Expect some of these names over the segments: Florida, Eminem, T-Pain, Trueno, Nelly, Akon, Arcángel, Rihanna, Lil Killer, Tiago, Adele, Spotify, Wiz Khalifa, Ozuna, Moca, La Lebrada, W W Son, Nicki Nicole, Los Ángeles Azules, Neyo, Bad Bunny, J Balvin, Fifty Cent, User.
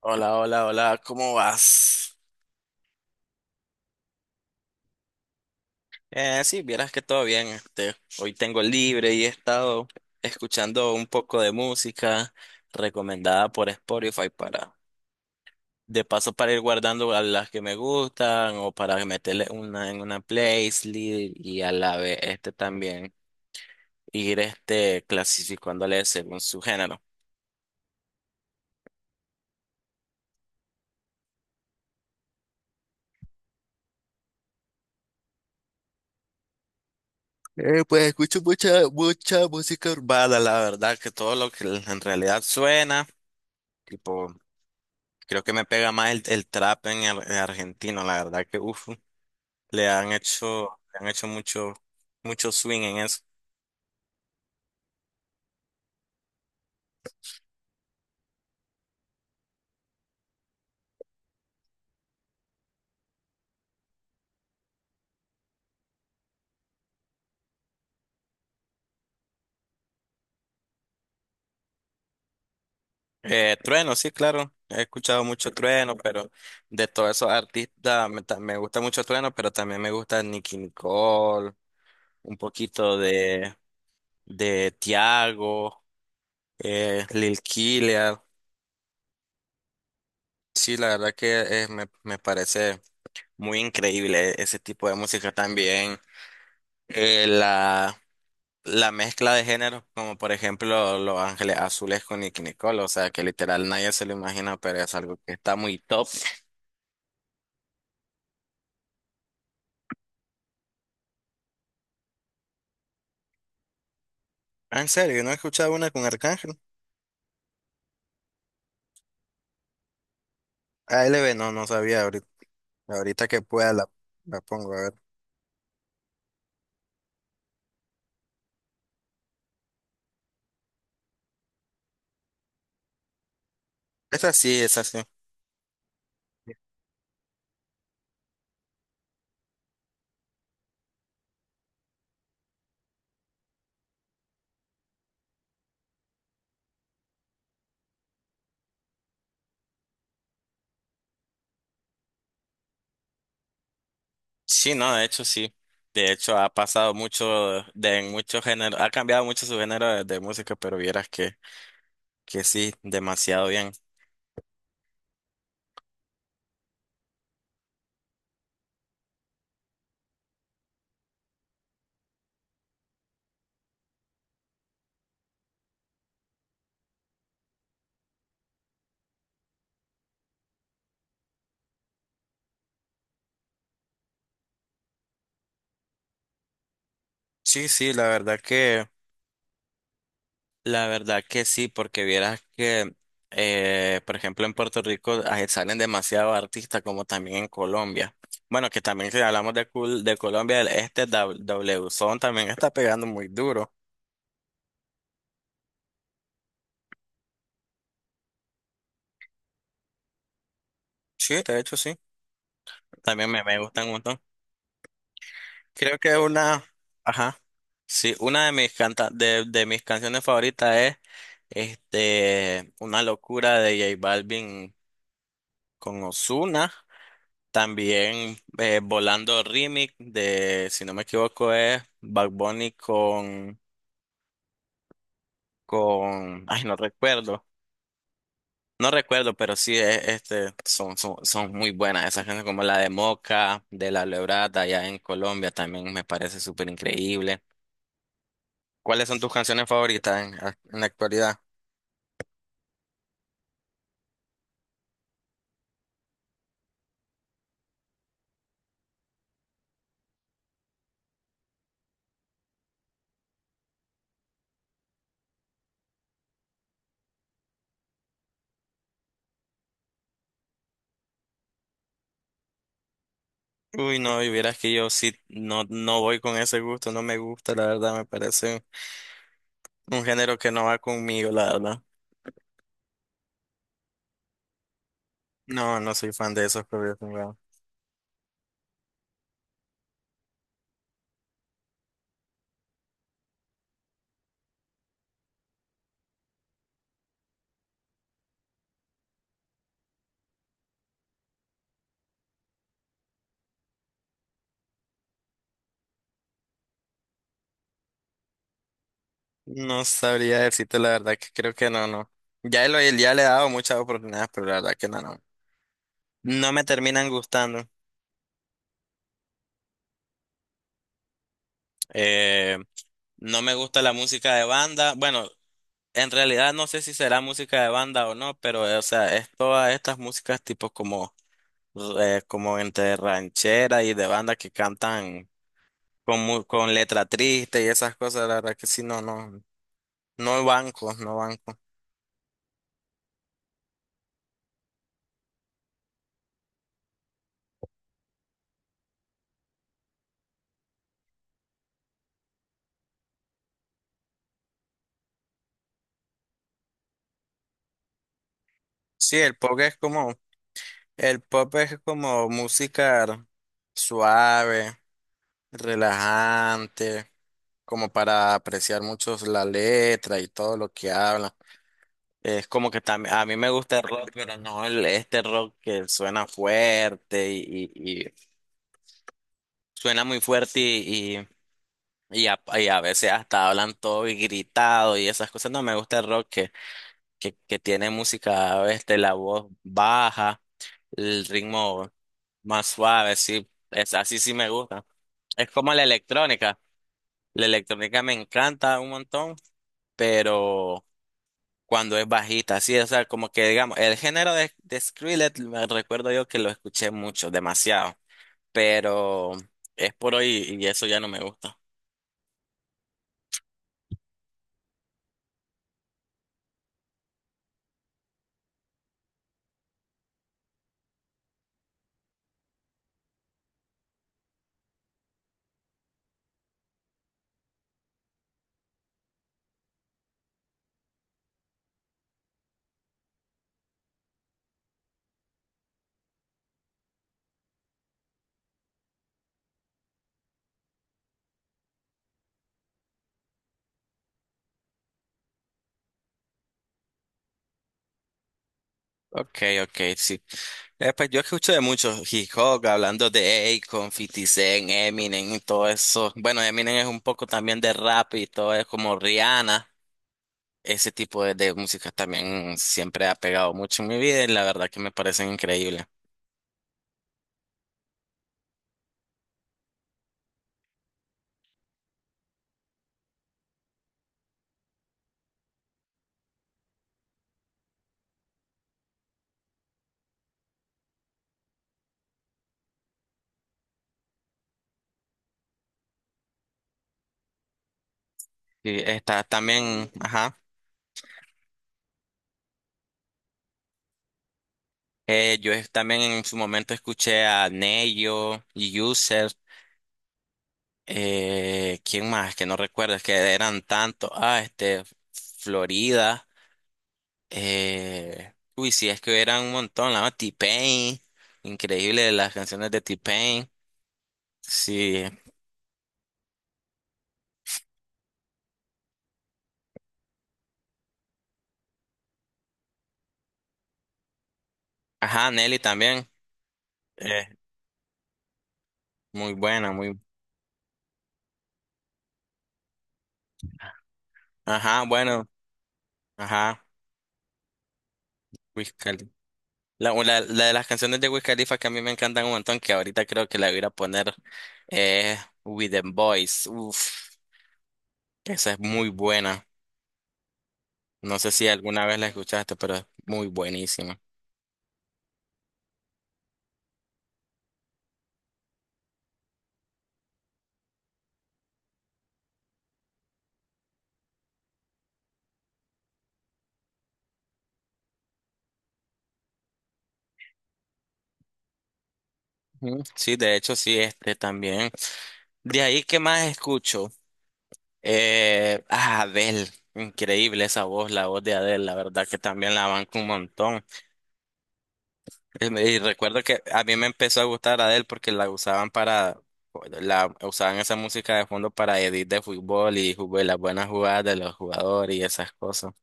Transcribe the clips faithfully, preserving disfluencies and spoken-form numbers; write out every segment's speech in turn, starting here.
Hola, hola, hola, ¿cómo vas? Eh, sí, vieras que todo bien, este, hoy tengo libre y he estado escuchando un poco de música recomendada por Spotify para, de paso para ir guardando a las que me gustan o para meterle una en una playlist y a la vez este también ir este clasificándole según su género. Eh, pues escucho mucha, mucha música urbana, la verdad, que todo lo que en realidad suena. Tipo, Creo que me pega más el, el trap en, el, argentino, la verdad que uf, le han hecho, le han hecho mucho, mucho swing en eso. Eh, Trueno, sí, claro, he escuchado mucho Trueno, pero de todos esos artistas me, ta- me gusta mucho Trueno, pero también me gusta Nicki Nicole, un poquito de, de Tiago, eh, Lil Killer. Sí, la verdad que eh, me, me parece muy increíble ese tipo de música también. Eh, la la mezcla de géneros, como por ejemplo Los Ángeles Azules con Nicki Nicole, o sea que literal nadie se lo imagina, pero es algo que está muy top. Ah, en serio, no he escuchado una con Arcángel. A ALB no, no sabía ahorita. Ahorita que pueda la, la pongo a ver. Esa sí, esa sí. Sí, no, de hecho sí. De hecho ha pasado mucho de en muchos géneros, ha cambiado mucho su género de, de música, pero vieras que, que sí, demasiado bien. Sí, sí, la verdad que, la verdad que sí, porque vieras que, eh, por ejemplo, en Puerto Rico ah, salen demasiados artistas, como también en Colombia. Bueno, que también si hablamos de, cul- de Colombia, el- este W W Son también está pegando muy duro. Sí, de hecho sí, también me, me gustan un montón. Creo que una, ajá, sí, una de mis canta de, de mis canciones favoritas es, este, Una Locura de J Balvin con Ozuna. También eh, Volando Remix de, si no me equivoco, es Bad Bunny con, con, ay, no recuerdo, no recuerdo, pero sí, es- este, son, son, son muy buenas esas canciones como la de Moca, de La Lebrada, allá en Colombia, también me parece súper increíble. ¿Cuáles son tus canciones favoritas en, en la actualidad? Uy, no, y vieras que yo sí, no, no voy con ese gusto, no me gusta, la verdad, me parece un género que no va conmigo, la verdad. No, no soy fan de esos corridos. No sabría decirte la verdad que creo que no, no. Ya, lo, ya le he dado muchas oportunidades, pero la verdad que no, no. No me terminan gustando. Eh, no me gusta la música de banda. Bueno, en realidad no sé si será música de banda o no, pero eh, o sea, es todas estas músicas tipo como, eh, como entre ranchera y de banda que cantan con, mu- con letra triste y esas cosas, la verdad que sí, no, no. No banco, no banco. Sí, el pop es como... El pop es como música suave, relajante, como para apreciar mucho la letra y todo lo que habla. Es como que también, a mí me gusta el rock, pero no el, este rock que suena fuerte y, y- y suena muy fuerte y, y, y a, y a veces hasta hablan todo y gritado y esas cosas. No me gusta el rock que, que, que tiene música, este, la voz baja, el ritmo. Más suave, sí. Es, así sí me gusta. Es como la electrónica. La electrónica me encanta un montón, pero cuando es bajita, sí, o sea, como que digamos, el género de, de Skrillex, me recuerdo yo que lo escuché mucho, demasiado, pero es por hoy y eso ya no me gusta. Ok, ok, sí. Eh, pues yo escucho de muchos hip hop, hablando de Akon, Fifty Cent, Eminem y todo eso. Bueno, Eminem es un poco también de rap y todo es como Rihanna. Ese tipo de, de música también siempre ha pegado mucho en mi vida y la verdad que me parecen increíbles. Y está también, ajá, eh, yo es- también en su momento escuché a Neyo, User, eh, ¿quién más? Que no recuerdo, es que eran tantos, ah, este, Florida, eh, uy, sí, es que eran un montón, la verdad, T-Pain, increíble las canciones de T-Pain, sí, ajá, Nelly también, eh, muy buena, muy, ajá, bueno. Ajá. Wiz Khalifa, La, o la, la de las canciones de Wiz Khalifa que a mí me encantan un montón, que ahorita creo que la voy a ir a poner es With the Boys. Uf, esa es muy buena. No sé si alguna vez la escuchaste, pero es muy buenísima. Ujú. Sí, de hecho, sí, este también. De ahí, ¿qué más escucho? Eh, ah, Adele. Increíble esa voz, la voz de Adele, la verdad que también la banco un montón. Y me- y recuerdo que a mí me empezó a gustar Adele porque la usaban para, la usaban esa música de fondo para edit de fútbol y jugo- las buenas jugadas de los jugadores y esas cosas.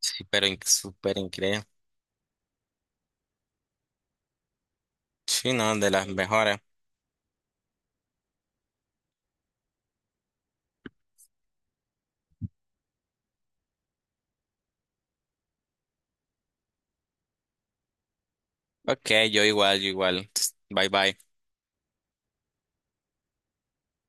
Sí, pero in- súper increíble. Sí, no, de las mejores. Ok, yo igual, yo igual. Bye bye.